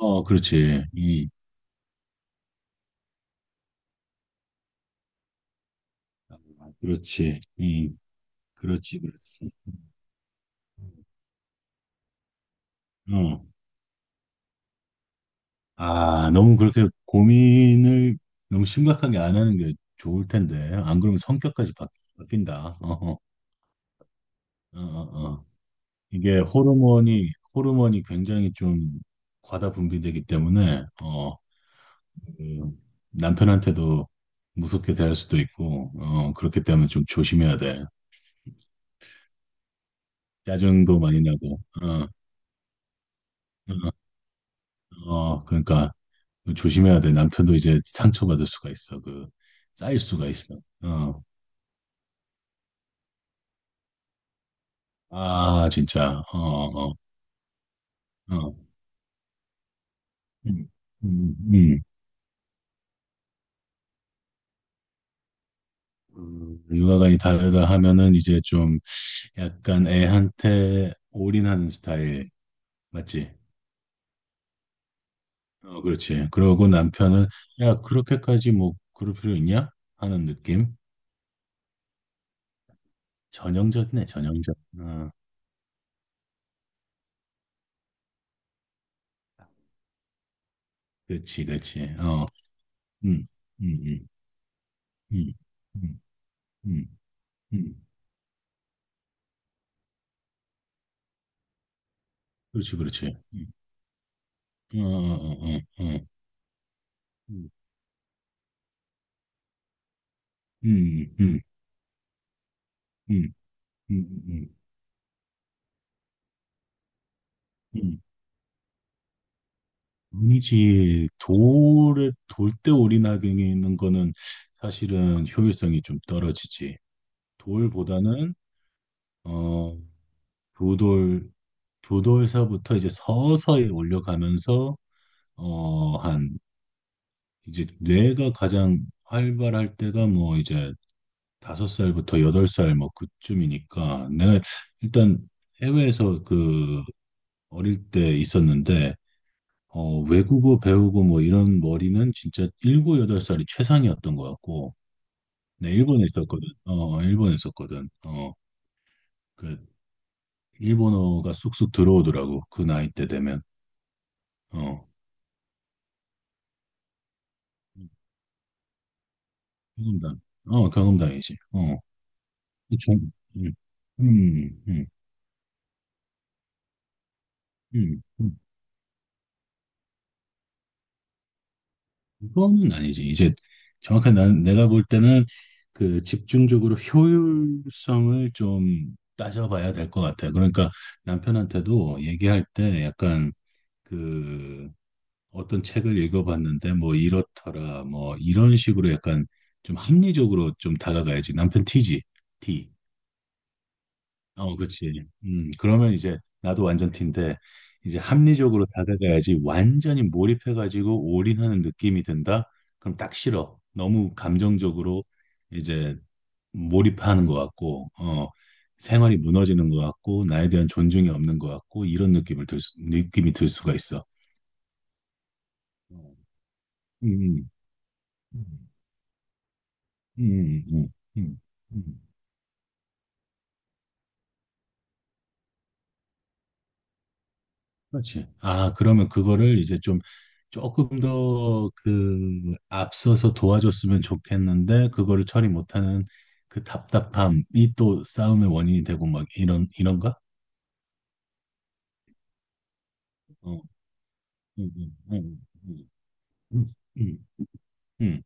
어, 그렇지. 이, 아, 그렇지. 이, 그렇지, 그렇지. 어. 아, 너무 그렇게 고민을 너무 심각하게 안 하는 게 좋을 텐데. 안 그러면 성격까지 바, 뀐다 어, 어, 어. 어. 이게 호르몬이 굉장히 좀 과다 분비되기 때문에, 어, 그 남편한테도 무섭게 대할 수도 있고, 어, 그렇기 때문에 좀 조심해야 돼. 짜증도 많이 나고, 어, 어, 어, 그러니까. 그 조심해야 돼. 남편도 이제 상처받을 수가 있어. 그, 쌓일 수가 있어. 어. 아, 진짜. 어, 어, 어. 음, 음, 음. 육아관이 다르다 하면은 이제 좀 약간 애한테 올인하는 스타일. 맞지? 어, 그렇지. 그러고 남편은, 야, 그렇게까지 뭐, 그럴 필요 있냐? 하는 느낌? 전형적이네, 전형적. 어, 그렇지, 그렇지. 어, 음, 음, 음, 음, 음, 음, 음. 그렇지, 그렇지. 음. 어, 어, 어, 어. 음. 음, 음, 음, 음, 음, 음. 아니지. 돌에, 돌대 오리나경에 있는 거는 사실은 효율성이 좀 떨어지지. 돌보다는, 어, 두 돌, 두 돌서부터 이제 서서히 올려가면서, 어, 한, 이제 뇌가 가장 활발할 때가 뭐 이제 다섯 살부터 여덟 살 뭐 그쯤이니까. 내가 일단 해외에서 그 어릴 때 있었는데, 어, 외국어 배우고 뭐 이런 머리는 진짜 일곱, 여덟 살이 최상이었던 것 같고, 네, 일본에 있었거든. 어, 어, 일본에 있었거든. 어, 그, 일본어가 쑥쑥 들어오더라고. 그 나이 때 되면. 어, 경험담. 어, 경험담이지. 어, 좀, 음, 음, 음. 그거는 아니지. 이제 정확한 난, 내가 볼 때는 그 집중적으로 효율성을 좀 따져봐야 될 것 같아. 그러니까 남편한테도 얘기할 때 약간 그 어떤 책을 읽어봤는데 뭐 이렇더라 뭐 이런 식으로 약간 좀 합리적으로 좀 다가가야지. 남편 티지. 티. 어, 그렇지. 그러면 이제 나도 완전 T인데 이제 합리적으로 다가가야지 완전히 몰입해가지고 올인하는 느낌이 든다? 그럼 딱 싫어. 너무 감정적으로 이제 몰입하는 것 같고, 어, 생활이 무너지는 것 같고, 나에 대한 존중이 없는 것 같고, 이런 느낌을 들, 느낌이 들 수가 있어. 음, 음, 음, 음, 음, 음. 음. 그렇지. 아, 그러면 그거를 이제 좀 조금 더 그 앞서서 도와줬으면 좋겠는데 그거를 처리 못하는 그 답답함이 또 싸움의 원인이 되고 막 이런 이런가? 어, 음, 음, 음, 음, 음, 음, 음. 음,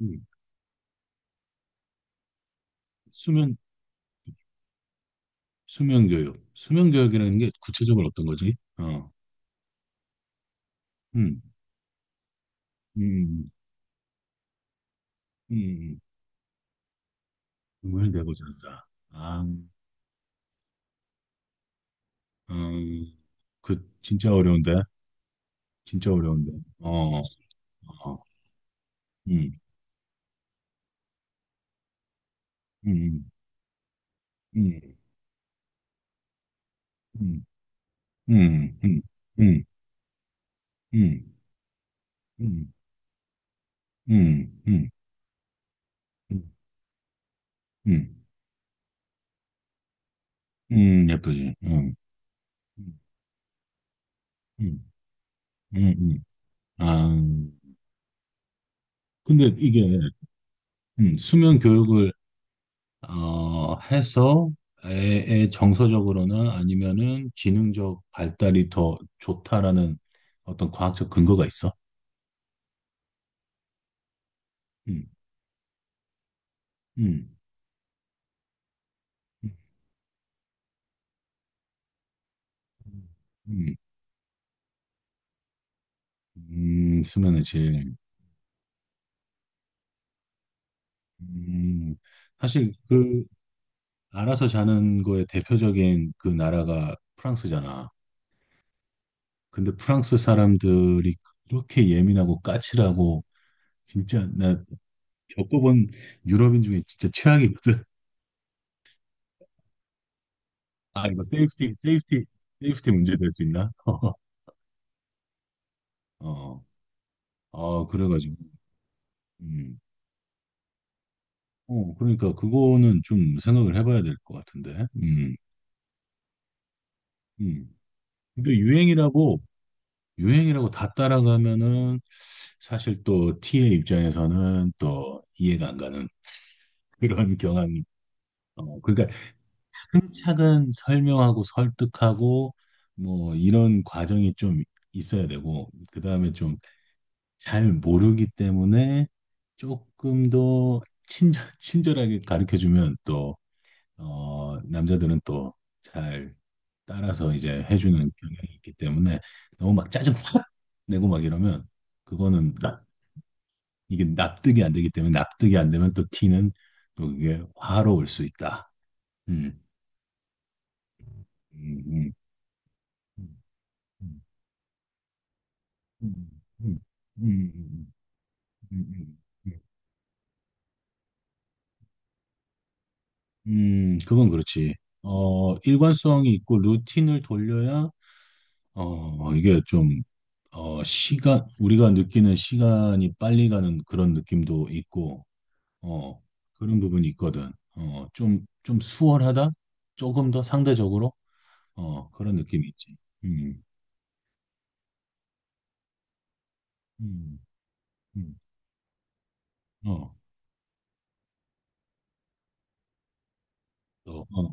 음. 수면 수면 교육, 수면 교육이라는 게 구체적으로 어떤 거지? 어, 음, 음, 음, 음을 내고자 한다. 아, 음, 그 진짜 어려운데, 진짜 어려운데. 어. 어. 음, 음, 음, 음, 음, 음, 음, 음, 음, 음, 음, 음, 음, 예쁘지. 음, 음, 음. 아, 근데 이게 수면 교육을 어, 해서 애의 정서적으로나 아니면은 지능적 발달이 더 좋다라는 어떤 과학적 근거가 있어. 음, 음, 음, 음, 수면의 질. 음, 사실 그 알아서 자는 거의 대표적인 그 나라가 프랑스잖아. 근데 프랑스 사람들이 그렇게 예민하고 까칠하고 진짜 나 겪어본 유럽인 중에 진짜 최악이거든. 아 이거 세이프티 문제 될 수 있나? 어, 아 그래가지고 음. 어 그러니까 그거는 좀 생각을 해봐야 될 것 같은데. 음. 근데 유행이라고 다 따라가면은 사실 또 T의 입장에서는 또 이해가 안 가는. 그런 경향이. 어, 그러니까 차근 설명하고 설득하고 뭐 이런 과정이 좀 있어야 되고 그다음에 좀 잘 모르기 때문에 조금 더 친절하게 가르쳐 주면 또 어, 남자들은 또 잘 따라서 이제 해주는 경향이 있기 때문에 너무 막 짜증 확 내고 막 이러면 그거는 납, 이게 납득이 안 되기 때문에 납득이 안 되면 또 티는 또 그게 화로 올 수 있다. 음. 음, 음, 음, 음, 음, 음, 음, 음, 음, 그건 그렇지. 어, 일관성이 있고 루틴을 돌려야 어, 이게 좀 어, 시간 우리가 느끼는 시간이 빨리 가는 그런 느낌도 있고 어, 그런 부분이 있거든. 어, 좀, 좀 수월하다? 조금 더 상대적으로 어, 그런 느낌이 있지. 음, 음, 음, 어, 또, 어,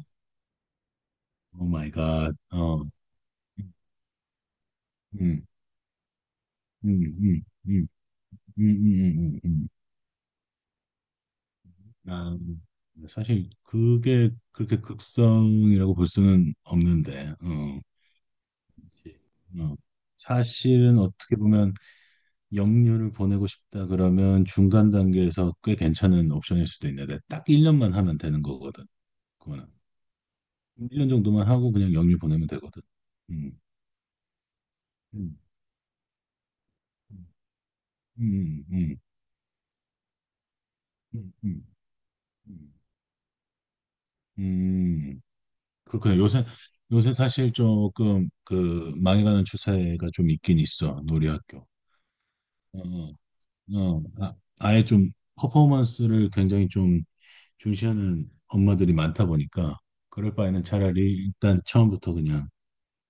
오 마이 갓. 어, 음. 음, 음, 음, 음. 아, 사실 그게 그렇게 극성이라고 볼 수는 없는데, 어, 그치. 어. 사실은 어떻게 보면 영유를 보내고 싶다 그러면 중간 단계에서 꽤 괜찮은 옵션일 수도 있는데 딱 1년만 하면 되는 거거든. 그거는 1년 정도만 하고 그냥 영유 보내면 되거든. 음, 음, 음, 음, 음, 음, 음. 음. 그렇군요. 요새 사실 조금 그 망해가는 추세가 좀 있긴 있어 놀이학교. 어, 어, 아, 아예 좀 퍼포먼스를 굉장히 좀 중시하는 엄마들이 많다 보니까 그럴 바에는 차라리 일단 처음부터 그냥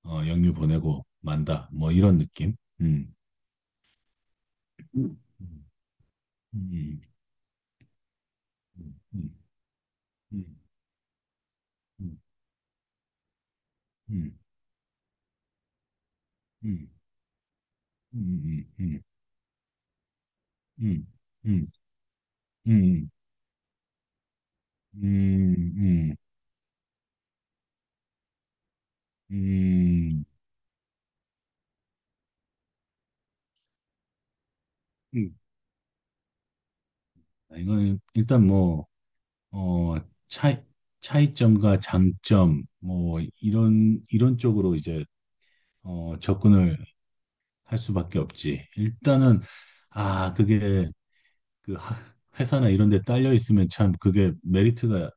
어, 영유 보내고 만다 뭐 이런 느낌. 음. 음. 음. 음. 음. 음. 음. 음. 음. 음. 음. 음. 음. 음. 음. 음. 음. 이건 일단 뭐, 어, 차이, 차이점과 장점, 뭐, 이런, 이런 쪽으로 이제, 어, 접근을 할 수밖에 없지. 일단은, 아, 그게, 그, 하- 회사나 이런 데 딸려 있으면 참 그게 메리트가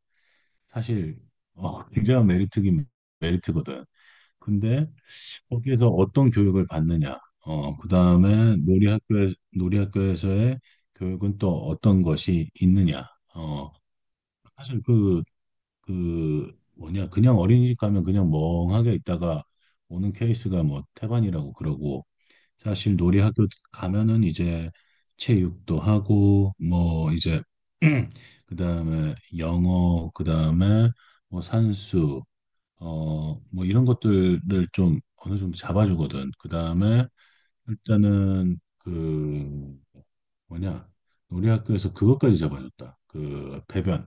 사실, 어, 굉장한 메리트긴 메리트거든. 근데 거기에서 어떤 교육을 받느냐, 어, 그 다음에 놀이학교에서의 교육은 또 어떤 것이 있느냐, 어, 사실 그 그 뭐냐 그냥 어린이집 가면 그냥 멍하게 있다가 오는 케이스가 뭐 태반이라고 그러고 사실 놀이 학교 가면은 이제 체육도 하고 뭐 이제 그다음에 영어 그다음에 뭐 산수 어 뭐 이런 것들을 좀 어느 정도 잡아주거든. 그다음에 일단은 그 뭐냐 놀이 학교에서 그것까지 잡아줬다. 그 배변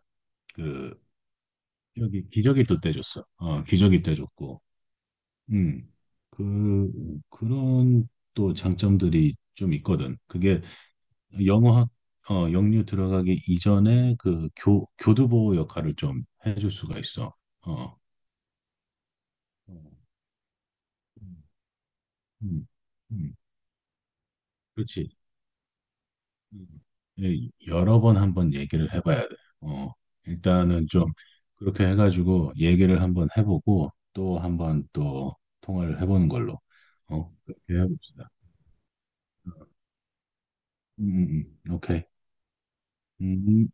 그 기적이 또 떼줬어. 어, 기적이 떼줬고. 음. 그, 그런 또 장점들이 좀 있거든. 그게 영어학, 어, 영유 들어가기 이전에 그 교, 교두보 역할을 좀 해줄 수가 있어. 어. 음, 음, 음. 그렇지. 음. 예, 여러 번 한번 얘기를 해봐야 돼. 어, 일단은 좀 그렇게 해가지고 얘기를 한번 해보고 또 한번 또 통화를 해보는 걸로. 어, 그렇게 해봅시다. 오케이. 음,